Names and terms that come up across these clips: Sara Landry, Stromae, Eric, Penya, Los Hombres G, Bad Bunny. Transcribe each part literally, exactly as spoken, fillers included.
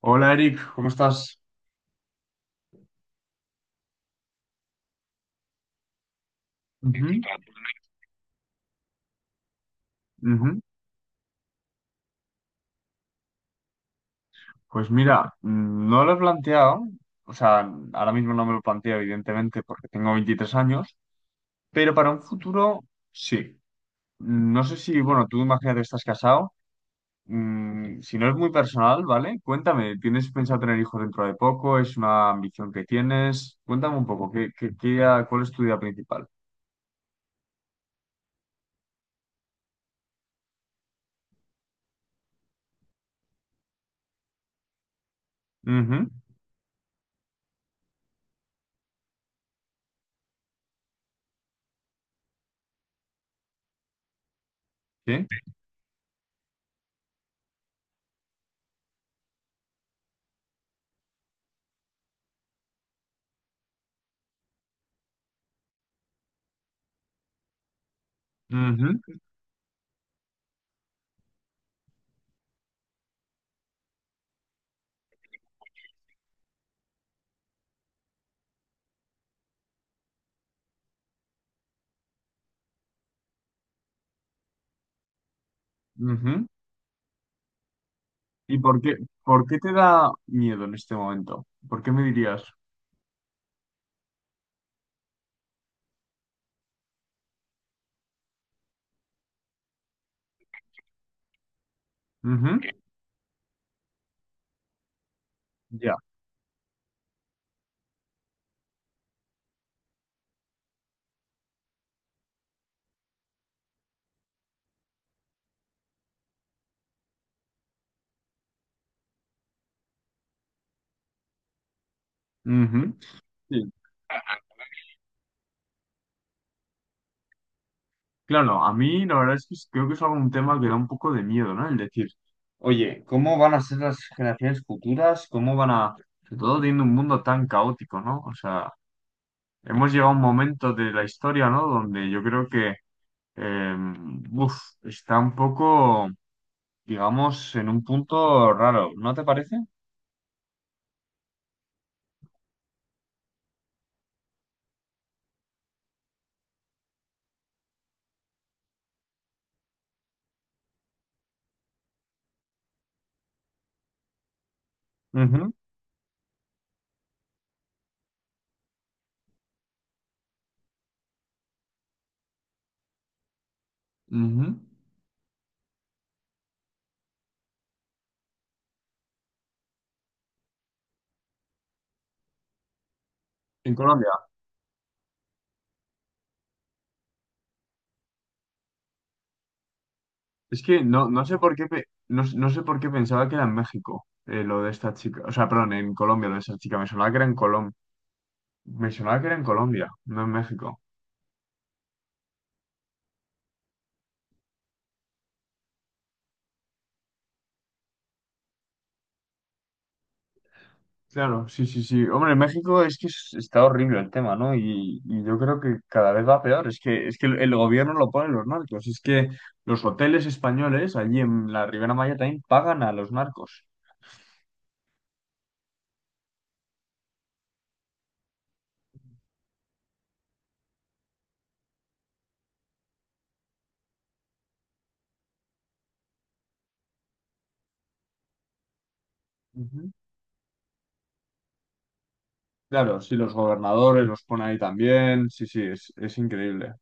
Hola Eric, ¿cómo estás? Ujú, ujú. Pues mira, mm, no lo he planteado, o sea, ahora mismo no me lo planteo, evidentemente, porque tengo veintitrés años, pero para un futuro sí. No sé si, bueno, tú imagínate, estás casado, mm, si no es muy personal, ¿vale? Cuéntame, ¿tienes pensado tener hijos dentro de poco? ¿Es una ambición que tienes? Cuéntame un poco, ¿qué, qué, qué- cuál es tu idea principal? Ujú, sí, ujú, ujú. ¿Y por qué, por qué te da miedo en este momento? ¿Por qué me dirías? Ujú, ya. Ujú. Sí. Claro, a mí la verdad es que es- creo que es algún tema que da un poco de miedo, ¿no? El decir, oye, ¿cómo van a ser las generaciones futuras? ¿Cómo van a, sobre todo teniendo un mundo tan caótico, ¿no? O sea, hemos llegado a un momento de la historia, ¿no? Donde yo creo que, eh, uf, está un poco, digamos, en un punto raro, ¿no te parece? Ujú, ujú. En Colombia. Es que no, no sé por qué pe- no, no sé por qué pensaba que era en México eh, lo de esta chica. O sea, perdón, en Colombia lo de esta chica. Me sonaba que era en Colombia. Me sonaba que era en Colombia, no en México. Claro, sí, sí, sí. Hombre, en México es que es- está horrible el tema, ¿no? Y, y yo creo que cada vez va peor. Es que, es que el, el gobierno lo ponen los narcos. Es que los hoteles españoles allí en la Ribera Maya también pagan a los narcos. Ujú. Claro, sí, los gobernadores los ponen ahí también. Sí, sí, es, es increíble.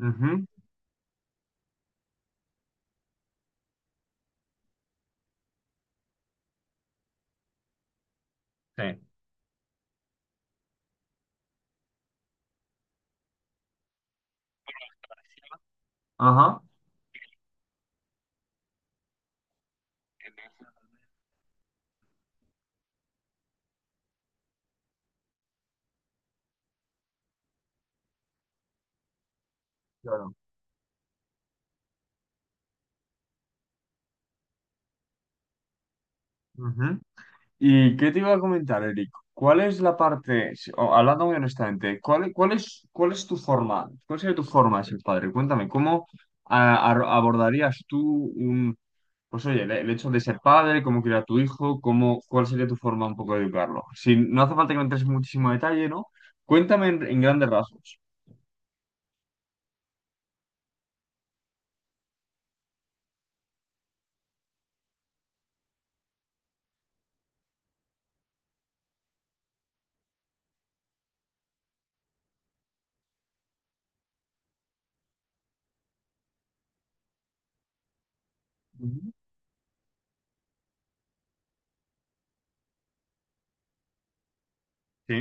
Ujú. Sí. Ajá. Claro. Ujú. ¿Y qué te iba a comentar, Eric? ¿Cuál es la parte, si- o, hablando muy honestamente, cuál, cuál es, cuál es tu forma? ¿Cuál sería tu forma de ser padre? Cuéntame, ¿cómo a- a- abordarías tú un, pues oye, el, el hecho de ser padre, cómo criar a tu hijo, cómo, cuál sería tu forma un poco de educarlo? Si no hace falta que me entres en muchísimo detalle, ¿no? Cuéntame en, en grandes rasgos. Ujú. Sí.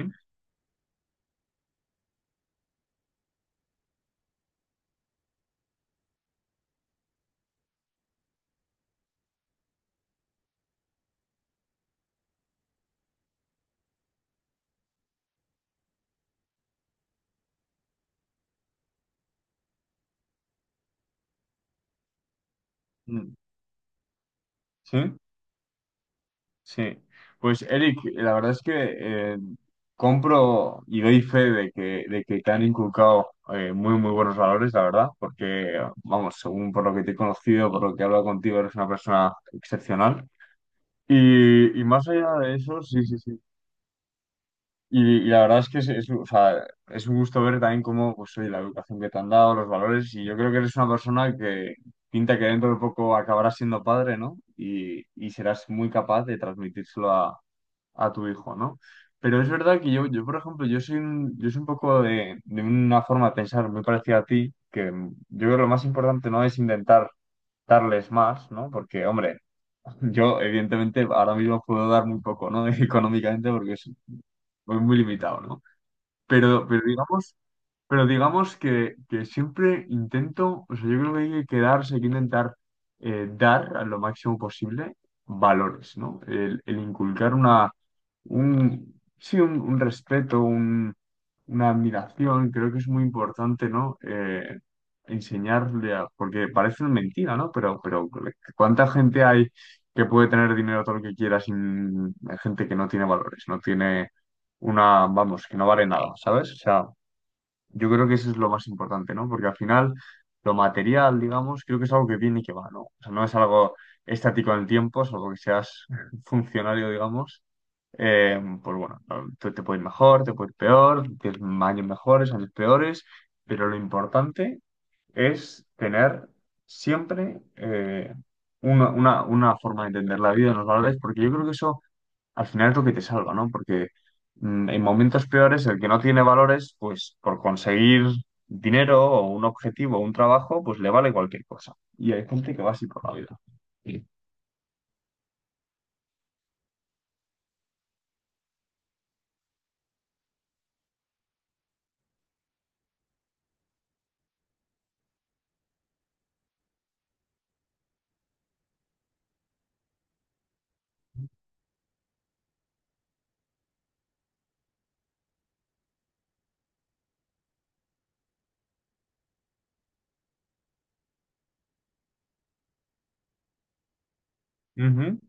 Mm. ¿Sí? Sí, pues Eric, la verdad es que eh, compro y doy fe de que, de que te han inculcado eh, muy, muy buenos valores, la verdad, porque, vamos, según por lo que te he conocido, por lo que he hablado contigo, eres una persona excepcional. Y, y más allá de eso, sí, sí, sí. Y, y la verdad es que es, es, o sea, es un gusto ver también cómo, pues, oye, la educación que te han dado, los valores, y yo creo que eres una persona que pinta que dentro de poco acabarás siendo padre, ¿no? Y, y serás muy capaz de transmitírselo a tu hijo, ¿no? Pero es verdad que yo, yo por ejemplo, yo soy un, yo soy un poco de, de una forma de pensar muy parecida a ti, que mm, yo creo que lo más importante no es intentar darles más, ¿no? Porque, hombre, yo evidentemente ahora mismo puedo dar muy poco, ¿no? Económicamente porque es- soy muy limitado, ¿no? Pero, pero digamos pero digamos que, que siempre intento, o sea, yo creo que hay que quedarse, hay que intentar eh, dar a lo máximo posible valores, ¿no? El, el inculcar una, un, sí, un, un respeto, un, una admiración, creo que es muy importante, ¿no? Eh, enseñarle a, porque parece una mentira, ¿no? Pero, pero ¿cuánta gente hay que puede tener dinero todo lo que quiera sin hay gente que no tiene valores, no tiene una, vamos, que no vale nada, ¿sabes? O sea, yo creo que eso es lo más importante, ¿no? Porque al final, lo material, digamos, creo que es algo que viene y que va, ¿no? O sea, no es algo estático en el tiempo, salvo que seas funcionario, digamos. Eh, pues bueno, no, te, te puede ir mejor, te puede ir peor, tienes años mejores, años peores, pero lo importante es tener siempre eh, una, una, una forma de entender la vida, y los valores, porque yo creo que eso al final es lo que te salva, ¿no? Porque mm, en momentos peores, el que no tiene valores, pues por conseguir dinero o un objetivo o un trabajo, pues le vale cualquier cosa. Y hay gente que va así por la vida. Sí. Ujú,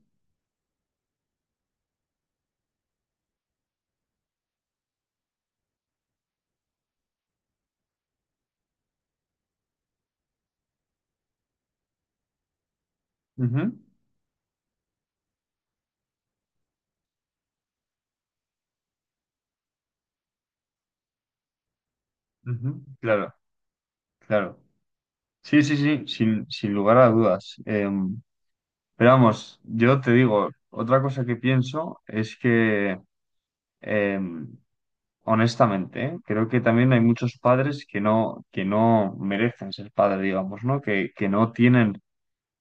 ujú, ujú. Claro, claro. Sí, sí, sí, sin, sin lugar a dudas. Em, pero vamos, yo te digo, otra cosa que pienso es que em, honestamente, ¿eh? Creo que también hay muchos padres que no, que no merecen ser padre, digamos, ¿no? Que, que no tienen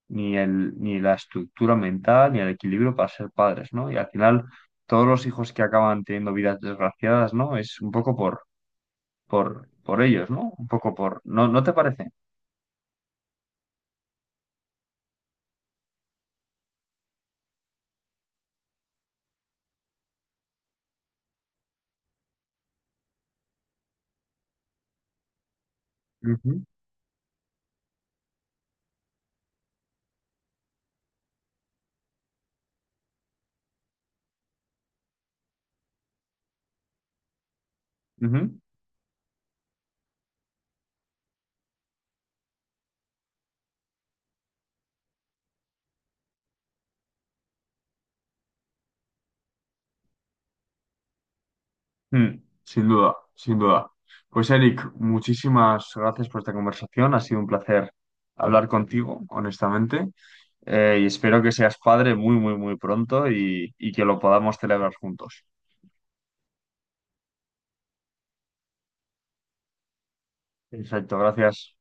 ni el, ni la estructura mental ni el equilibrio para ser padres, ¿no? Y al final, todos los hijos que acaban teniendo vidas desgraciadas, ¿no? Es un poco por, por, por ellos, ¿no? Un poco por. ¿No, no te parece? Ujú, ujú. Mm, sin duda, sin duda. Pues Eric, muchísimas gracias por esta conversación. Ha sido un placer hablar contigo, honestamente. Eh, y espero que seas padre muy, muy, muy pronto y, y que lo podamos celebrar juntos. Exacto, gracias.